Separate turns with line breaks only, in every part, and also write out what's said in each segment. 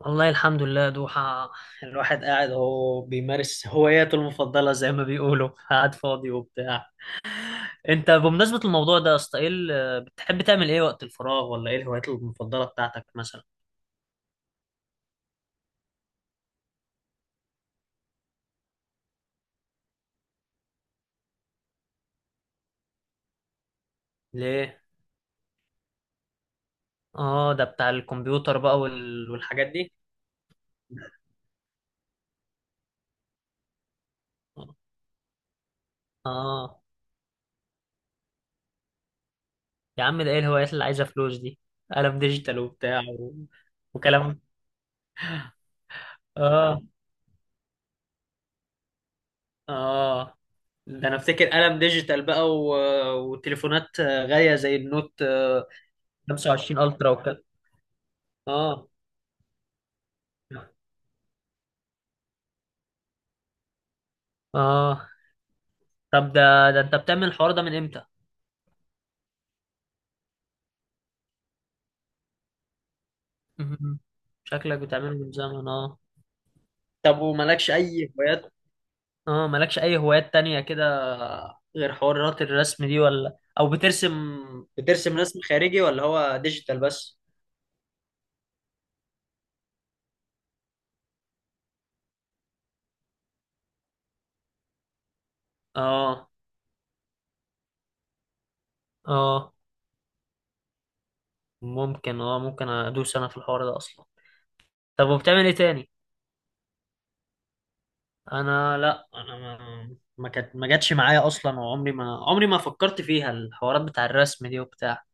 والله الحمد لله دوحة. الواحد قاعد هو بيمارس هواياته المفضلة زي ما بيقولوا، قاعد فاضي وبتاع. انت بمناسبة الموضوع ده يا اسطى، ايه بتحب تعمل ايه وقت الفراغ، ولا ايه الهوايات المفضلة بتاعتك مثلا؟ ليه؟ اه، ده بتاع الكمبيوتر بقى والحاجات دي. اه يا عم، ده ايه الهوايات اللي عايزة فلوس دي؟ قلم ديجيتال وبتاع وكلام. اه اه، ده انا افتكر قلم ديجيتال بقى وتليفونات غالية زي النوت 25 الترا وكده. اه اه، طب ده انت بتعمل الحوار ده من امتى؟ مهم. شكلك بتعمله من زمن، اه. طب ومالكش اي هوايات؟ اه، مالكش اي هوايات تانية كده غير حوارات الرسم دي؟ ولا او بترسم رسم خارجي ولا هو ديجيتال بس؟ اه اه، ممكن، ادوس انا في الحوار ده اصلا. طب وبتعمل ايه تاني؟ انا لا، انا ما كانت ما جاتش معايا اصلا، وعمري ما فكرت فيها الحوارات بتاع الرسم دي وبتاع.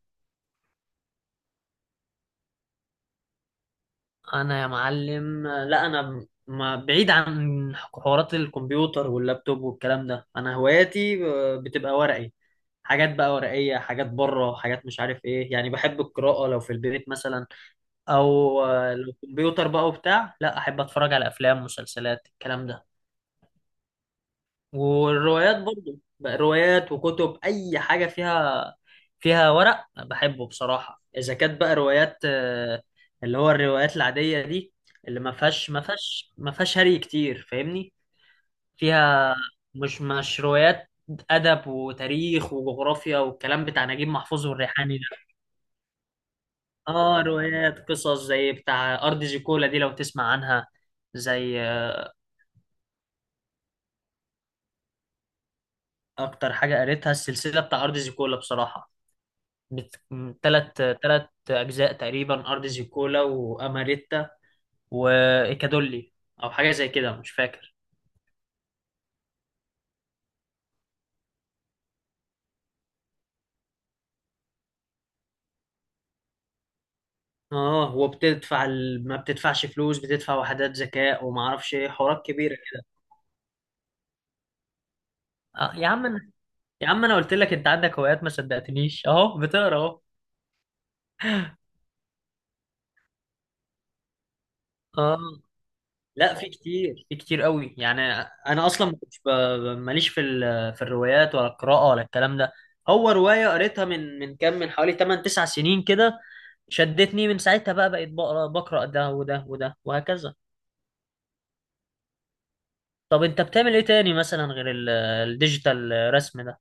انا يا معلم لا، انا ما بعيد عن حوارات الكمبيوتر واللابتوب والكلام ده. انا هواياتي بتبقى ورقي، حاجات بقى ورقية، حاجات بره، حاجات مش عارف ايه. يعني بحب القراءة لو في البيت مثلا، او لو كمبيوتر بقى وبتاع، لا، احب اتفرج على افلام مسلسلات الكلام ده. والروايات برضو بقى، روايات وكتب اي حاجه فيها ورق بحبه بصراحه. اذا كانت بقى روايات، اللي هو الروايات العاديه دي، اللي ما فيهاش هري كتير، فاهمني؟ فيها مش روايات ادب وتاريخ وجغرافيا والكلام بتاع نجيب محفوظ والريحاني ده. اه، روايات قصص زي بتاع ارض زيكولا دي، لو تسمع عنها. زي اكتر حاجه قريتها السلسله بتاع ارض زيكولا بصراحه. بت... تلات أجزاء تقريبا، أرض زيكولا وأماريتا وإيكادولي، أو حاجة زي كده، مش فاكر. اه وبتدفع ما بتدفعش فلوس، بتدفع وحدات ذكاء وما اعرفش ايه، حوارات كبيره كده. آه يا عم، يا عم انا قلت لك انت عندك هوايات ما صدقتنيش، اهو بتقرا اهو. اه، لا، في كتير، في كتير قوي يعني. انا اصلا ما كنتش ماليش في في الروايات ولا القراءه ولا الكلام ده. هو روايه قريتها من كام، من حوالي 8 9 سنين كده، شدتني من ساعتها بقى، بقيت بقرا بقرا ده وده وده وهكذا. طب انت بتعمل ايه تاني مثلا غير الديجيتال رسم ده؟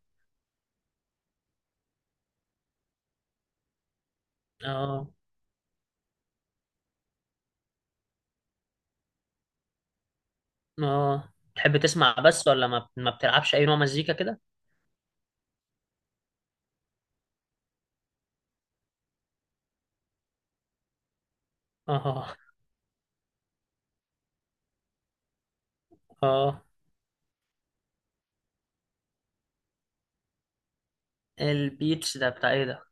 اه اه، تحب تسمع بس ولا ما بتلعبش اي نوع مزيكا كده؟ اه اه، البيتس ده بتاع ايه ده؟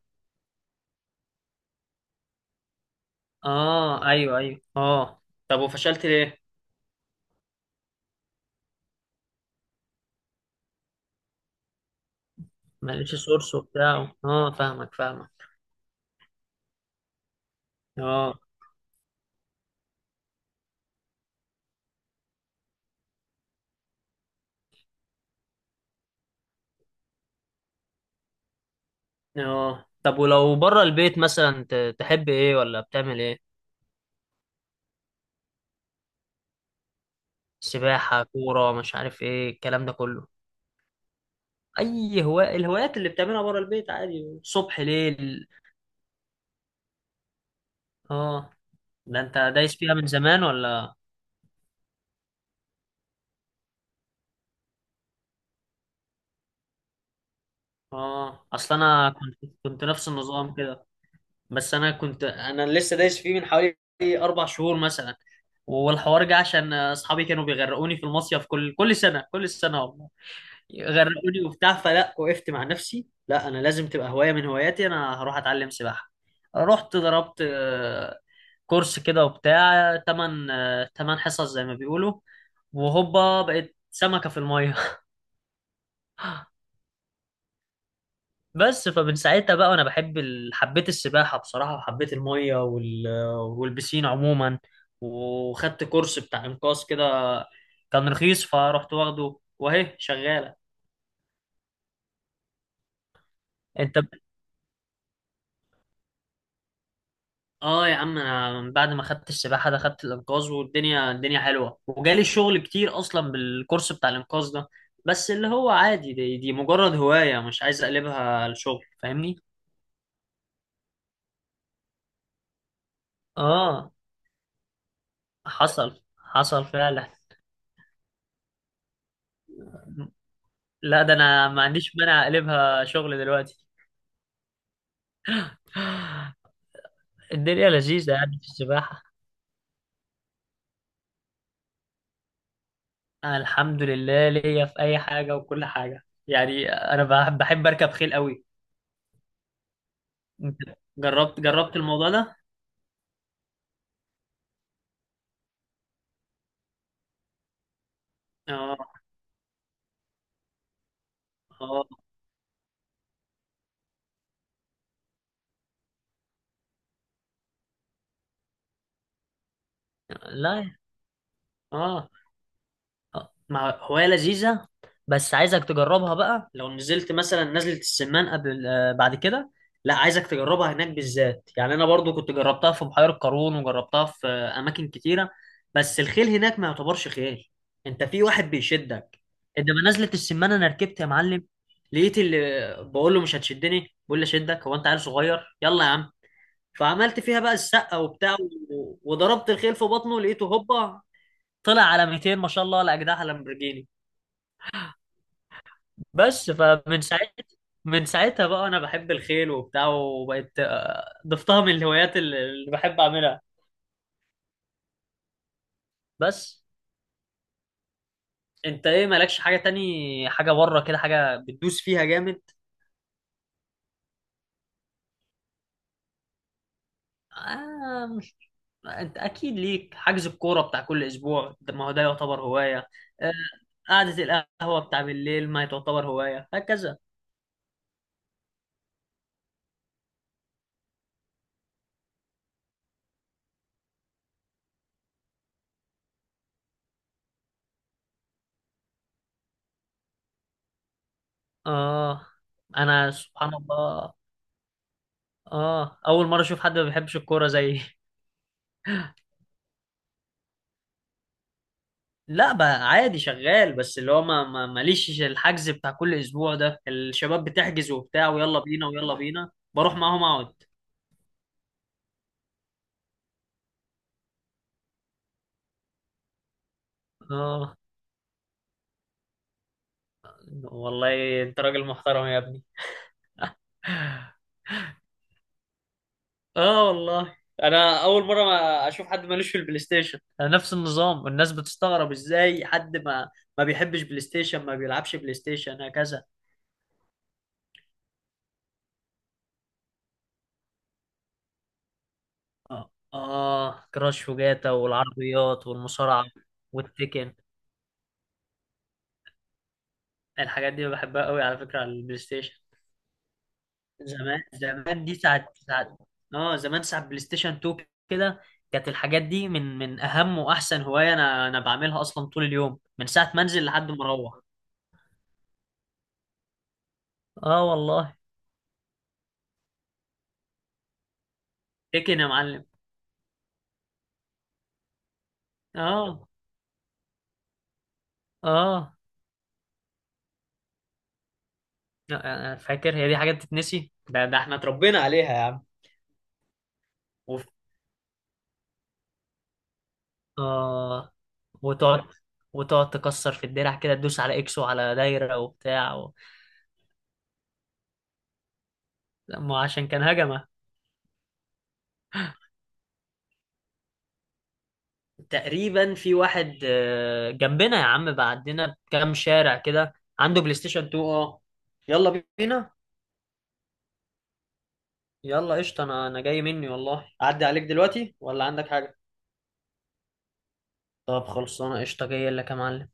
اه ايوه ايوه اه، طب وفشلت ليه؟ ما لقيتش سورس وبتاع، اه، فاهمك فاهمك. اه اه، طب ولو بره البيت مثلا، تحب ايه ولا بتعمل ايه؟ سباحة، كورة، مش عارف ايه الكلام ده كله. اي هواء الهوايات اللي بتعملها بره البيت عادي، صبح ليل؟ اه، ده انت دايس فيها من زمان ولا؟ اه اصل انا كنت نفس النظام كده. بس انا لسه دايس فيه من حوالي 4 شهور مثلا. والحوار جه عشان اصحابي كانوا بيغرقوني في المصيف كل سنه كل سنه. غرقوني وبتاع، فلا وقفت مع نفسي، لا، انا لازم تبقى هوايه من هواياتي، انا هروح اتعلم سباحه. رحت ضربت كورس كده وبتاع، تمن حصص زي ما بيقولوا، وهوبا بقيت سمكه في الميه. بس فمن ساعتها بقى، وانا بحب حبيت السباحه بصراحه، وحبيت الميه والبسين عموما، وخدت كورس بتاع انقاذ كده، كان رخيص، فرحت واخده واهي شغاله. انت؟ اه يا عم، انا من بعد ما خدت السباحه ده خدت الانقاذ، والدنيا حلوه، وجالي شغل كتير اصلا بالكورس بتاع الانقاذ ده، بس اللي هو عادي، دي مجرد هوايه، مش عايز اقلبها لشغل، فاهمني؟ اه حصل حصل فعلا. لا، ده انا ما عنديش مانع اقلبها شغل دلوقتي. الدنيا لذيذه يعني في السباحه. الحمد لله، ليا في اي حاجه وكل حاجه يعني، انا بحب اركب خيل قوي. انت جربت الموضوع ده؟ اه. آه. لا. اه، مع هواية لذيذة. بس عايزك تجربها بقى، لو نزلت مثلا نزلة السمان، قبل آه، بعد كده. لا، عايزك تجربها هناك بالذات، يعني انا برضو كنت جربتها في بحيرة قارون، وجربتها في اماكن كتيرة، بس الخيل هناك ما يعتبرش خيل، انت في واحد بيشدك. انما نزلة السمان انا ركبت يا معلم، لقيت اللي بقول له مش هتشدني بقول لي اشدك، هو انت عيل صغير، يلا يا عم. فعملت فيها بقى السقه وبتاع، وضربت الخيل في بطنه، لقيته هوبا طلع على 200، ما شاء الله، ولا اجنحه لامبرجيني. بس فمن ساعتها بقى انا بحب الخيل وبتاع، وبقيت ضفتها من الهوايات اللي بحب اعملها. بس انت ايه، مالكش حاجه تاني، حاجه بره كده، حاجه بتدوس فيها جامد؟ آه مش انت اكيد ليك حجز الكوره بتاع كل اسبوع ما هو ده يعتبر هوايه. آه، قعده القهوه بتاع بالليل ما تعتبر هوايه هكذا. اه انا سبحان الله، اه اول مره اشوف حد ما بيحبش الكوره زيي. لا بقى عادي شغال، بس اللي هو ماليش الحجز بتاع كل اسبوع ده، الشباب بتحجز وبتاع ويلا بينا ويلا بينا بروح معاهم اقعد. اه، والله انت راجل محترم يا ابني. اه والله، انا اول مره ما اشوف حد مالوش في البلاي ستيشن، انا نفس النظام، الناس بتستغرب ازاي حد ما بيحبش بلاي ستيشن، ما بيلعبش بلاي ستيشن هكذا. اه اه، كراش وجاتا والعربيات والمصارعه والتيكن، الحاجات دي بحبها قوي على فكره على البلاي ستيشن. زمان زمان، دي ساعة ساعة. اه، زمان ساعة بلاي ستيشن 2 كده، كانت الحاجات دي من أهم وأحسن هواية، أنا بعملها أصلا طول اليوم، من ساعة ما أنزل لحد ما أروح. اه والله. تكن يا معلم. اه اه، لا، أنا فاكر، هي دي حاجة بتتنسي؟ ده احنا اتربينا عليها يا عم. وف... اه، وتقعد وتقعد تكسر في الدرع كده، تدوس على اكس وعلى دايرة وبتاع لا، ما هو عشان كان هجمة. تقريبا في واحد جنبنا يا عم، بعدنا بكام شارع كده عنده بلاي ستيشن 2، اه. يلا بينا، يلا قشطة، انا جاي مني والله، اعدي عليك دلوقتي ولا عندك حاجة؟ طب خلصانة، قشطة، جاي لك يا معلم.